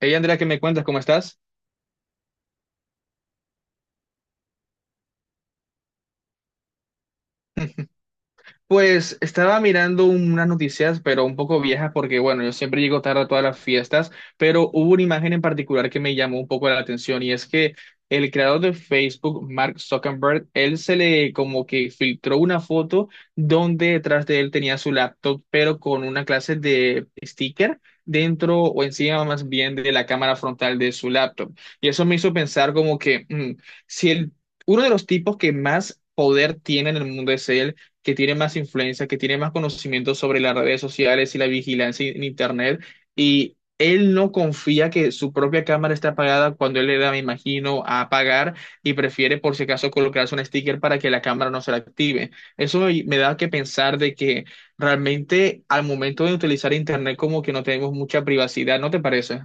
Hey Andrea, ¿qué me cuentas? ¿Cómo estás? Pues estaba mirando unas noticias, pero un poco viejas, porque bueno, yo siempre llego tarde a todas las fiestas, pero hubo una imagen en particular que me llamó un poco la atención y es que el creador de Facebook, Mark Zuckerberg, él se le como que filtró una foto donde detrás de él tenía su laptop, pero con una clase de sticker dentro o encima más bien de la cámara frontal de su laptop. Y eso me hizo pensar como que mm, si el, uno de los tipos que más poder tiene en el mundo es él, que tiene más influencia, que tiene más conocimiento sobre las redes sociales y la vigilancia en Internet, y él no confía que su propia cámara está apagada cuando él le da, me imagino, a apagar y prefiere por si acaso colocarse un sticker para que la cámara no se la active. Eso me da que pensar de que realmente al momento de utilizar Internet como que no tenemos mucha privacidad, ¿no te parece?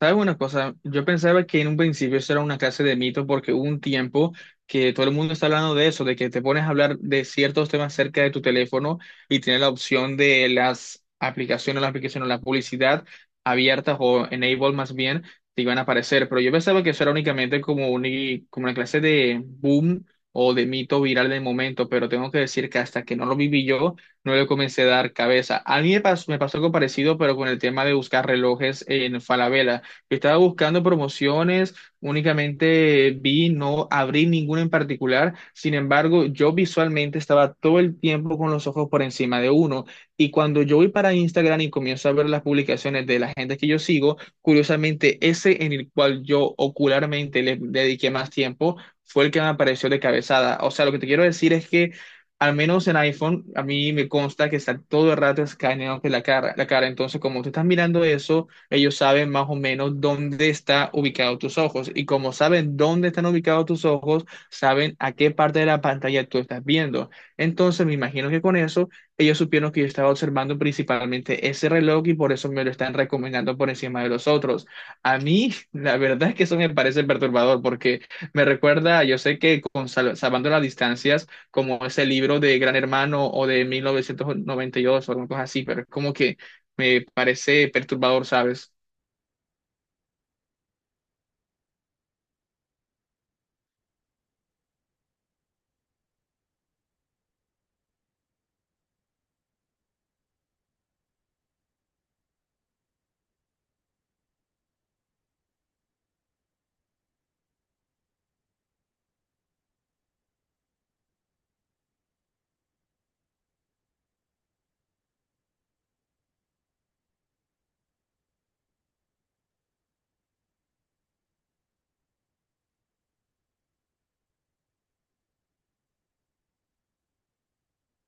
¿Sabes una cosa? Yo pensaba que en un principio eso era una clase de mito porque hubo un tiempo que todo el mundo está hablando de eso, de que te pones a hablar de ciertos temas cerca de tu teléfono y tienes la opción de las aplicaciones, la publicidad abiertas o enable más bien, te iban a aparecer. Pero yo pensaba que eso era únicamente como una clase de boom o de mito viral del momento, pero tengo que decir que hasta que no lo viví yo, no le comencé a dar cabeza. A mí me pasó algo parecido, pero con el tema de buscar relojes en Falabella. Yo estaba buscando promociones, únicamente vi, no abrí ninguna en particular. Sin embargo, yo visualmente estaba todo el tiempo con los ojos por encima de uno. Y cuando yo voy para Instagram y comienzo a ver las publicaciones de la gente que yo sigo, curiosamente, ese en el cual yo ocularmente le dediqué más tiempo fue el que me apareció de cabezada. O sea, lo que te quiero decir es que. Al menos en iPhone, a mí me consta que está todo el rato escaneando la cara. Entonces, como tú estás mirando eso, ellos saben más o menos dónde están ubicados tus ojos. Y como saben dónde están ubicados tus ojos, saben a qué parte de la pantalla tú estás viendo. Entonces, me imagino que con eso, ellos supieron que yo estaba observando principalmente ese reloj y por eso me lo están recomendando por encima de los otros. A mí, la verdad es que eso me parece perturbador porque me recuerda, yo sé que con Salvando las Distancias, como ese libro de Gran Hermano o de 1992 o algo así, pero es como que me parece perturbador, ¿sabes?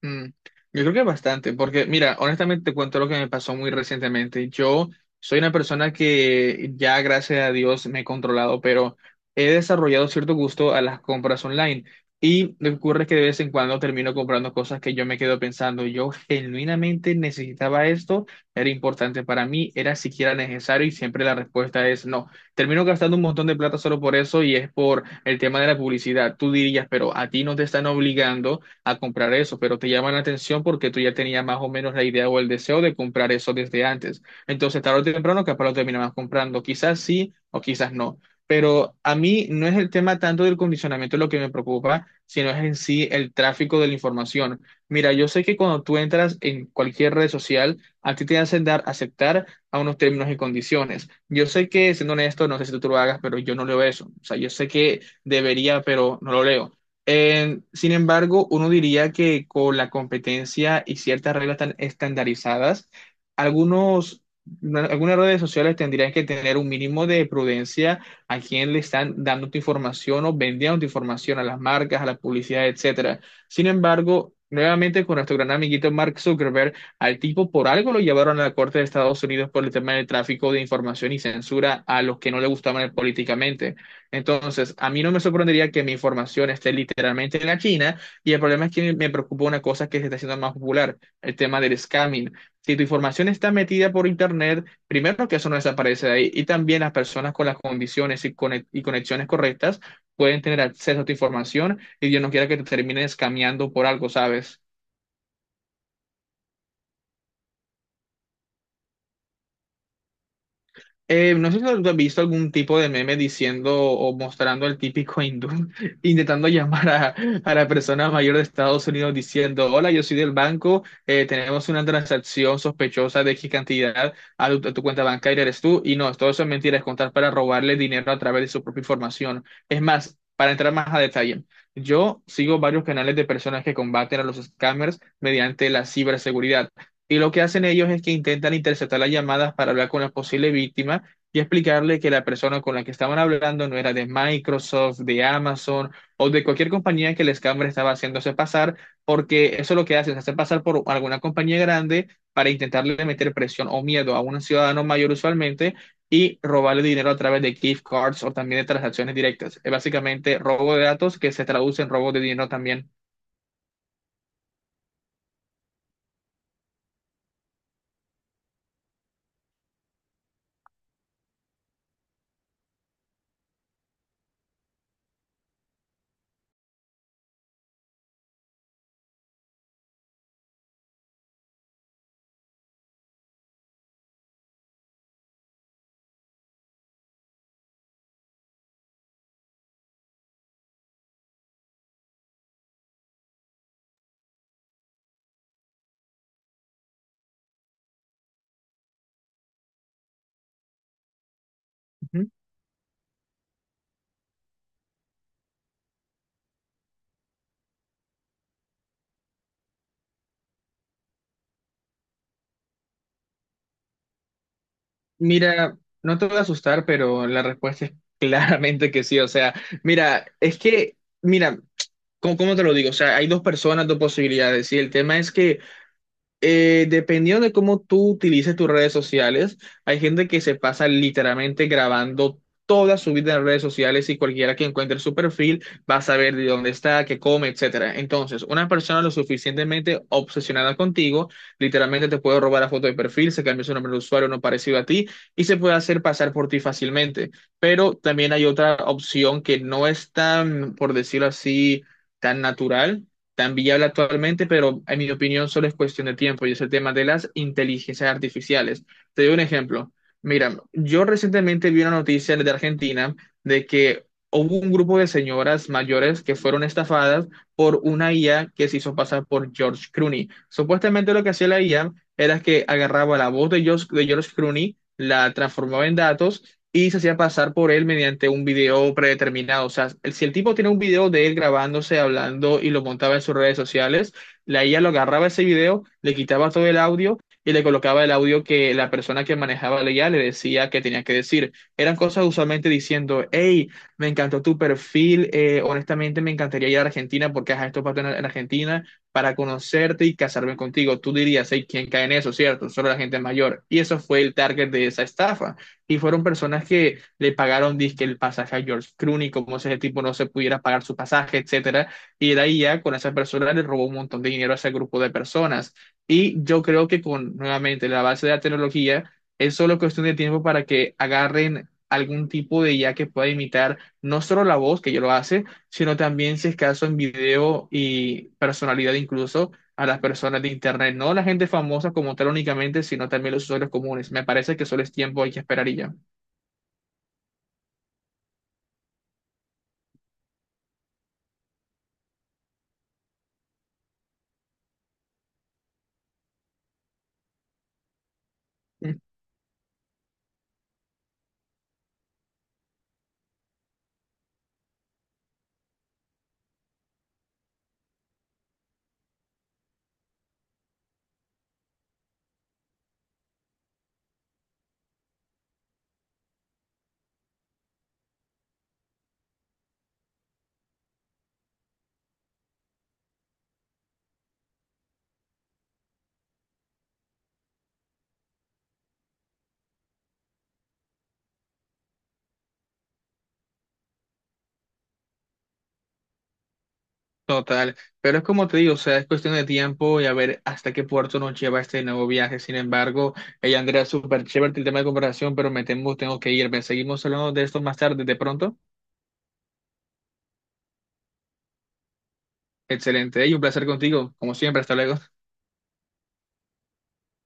Mm, yo creo que bastante, porque mira, honestamente te cuento lo que me pasó muy recientemente. Yo soy una persona que ya, gracias a Dios, me he controlado, pero he desarrollado cierto gusto a las compras online. Y lo que ocurre es que de vez en cuando termino comprando cosas que yo me quedo pensando, yo genuinamente necesitaba esto, era importante para mí, era siquiera necesario y siempre la respuesta es no. Termino gastando un montón de plata solo por eso y es por el tema de la publicidad. Tú dirías, pero a ti no te están obligando a comprar eso, pero te llama la atención porque tú ya tenías más o menos la idea o el deseo de comprar eso desde antes. Entonces, tarde o temprano, capaz lo terminabas comprando. Quizás sí o quizás no. Pero a mí no es el tema tanto del condicionamiento lo que me preocupa, sino es en sí el tráfico de la información. Mira, yo sé que cuando tú entras en cualquier red social, a ti te hacen dar aceptar a unos términos y condiciones. Yo sé que, siendo honesto, no sé si tú lo hagas, pero yo no leo eso. O sea, yo sé que debería, pero no lo leo. Sin embargo, uno diría que con la competencia y ciertas reglas tan estandarizadas, algunos, algunas redes sociales tendrían que tener un mínimo de prudencia a quién le están dando tu información o vendiendo tu información a las marcas, a la publicidad, etcétera. Sin embargo, nuevamente con nuestro gran amiguito Mark Zuckerberg, al tipo por algo lo llevaron a la Corte de Estados Unidos por el tema del tráfico de información y censura a los que no le gustaban políticamente. Entonces, a mí no me sorprendería que mi información esté literalmente en la China y el problema es que me preocupa una cosa que se está haciendo más popular, el tema del scamming. Si tu información está metida por Internet, primero que eso no desaparece de ahí y también las personas con las condiciones y conexiones correctas pueden tener acceso a tu información y Dios no quiera que te terminen escameando por algo, ¿sabes? No sé si tú has visto algún tipo de meme diciendo o mostrando al típico hindú intentando llamar a la persona mayor de Estados Unidos diciendo, hola, yo soy del banco, tenemos una transacción sospechosa de X cantidad a tu cuenta bancaria, eres tú. Y no, todo eso es mentira, es contar para robarle dinero a través de su propia información. Es más, para entrar más a detalle, yo sigo varios canales de personas que combaten a los scammers mediante la ciberseguridad. Y lo que hacen ellos es que intentan interceptar las llamadas para hablar con la posible víctima y explicarle que la persona con la que estaban hablando no era de Microsoft, de Amazon o de cualquier compañía que el scammer estaba haciéndose pasar, porque eso es lo que hacen, se hace pasar por alguna compañía grande para intentarle meter presión o miedo a un ciudadano mayor usualmente y robarle dinero a través de gift cards o también de transacciones directas. Es básicamente robo de datos que se traduce en robo de dinero también. Mira, no te voy a asustar, pero la respuesta es claramente que sí. O sea, mira, es que, mira, ¿cómo te lo digo? O sea, hay dos personas, dos posibilidades. Y el tema es que dependiendo de cómo tú utilices tus redes sociales, hay gente que se pasa literalmente grabando toda su vida en redes sociales y cualquiera que encuentre su perfil va a saber de dónde está, qué come, etcétera. Entonces, una persona lo suficientemente obsesionada contigo, literalmente te puede robar la foto de perfil, se cambia su nombre de usuario, no parecido a ti y se puede hacer pasar por ti fácilmente. Pero también hay otra opción que no es tan, por decirlo así, tan natural tan viable actualmente, pero en mi opinión solo es cuestión de tiempo y es el tema de las inteligencias artificiales. Te doy un ejemplo. Mira, yo recientemente vi una noticia de Argentina de que hubo un grupo de señoras mayores que fueron estafadas por una IA que se hizo pasar por George Clooney. Supuestamente lo que hacía la IA era que agarraba la voz de George Clooney, la transformaba en datos y se hacía pasar por él mediante un video predeterminado. O sea, el- si el tipo tiene un video de él grabándose, hablando y lo montaba en sus redes sociales, la IA lo agarraba ese video, le quitaba todo el audio y le colocaba el audio que la persona que manejaba la IA le decía que tenía que decir. Eran cosas usualmente diciendo, hey, me encantó tu perfil, honestamente me encantaría ir a Argentina porque ajá, esto pasa en Argentina para conocerte y casarme contigo. Tú dirías, hey, ¿quién cae en eso, cierto? Solo la gente mayor. Y eso fue el target de esa estafa y fueron personas que le pagaron dizque el pasaje a George Clooney, como si ese tipo no se pudiera pagar su pasaje, etcétera, y de ahí ya con esas personas le robó un montón de dinero a ese grupo de personas. Y yo creo que con nuevamente la base de la tecnología es solo cuestión de tiempo para que agarren algún tipo de IA que pueda imitar no solo la voz, que ya lo hace, sino también si es caso en video y personalidad incluso a las personas de Internet, no la gente famosa como tal únicamente, sino también los usuarios comunes. Me parece que solo es tiempo, hay que esperar y ya. Mm, Total, pero es como te digo, o sea, es cuestión de tiempo y a ver hasta qué puerto nos lleva este nuevo viaje. Sin embargo, hey, Andrea, súper chévere el tema de comparación, pero me temo, tengo que irme. Seguimos hablando de esto más tarde, de pronto. Excelente, y un placer contigo, como siempre, hasta luego.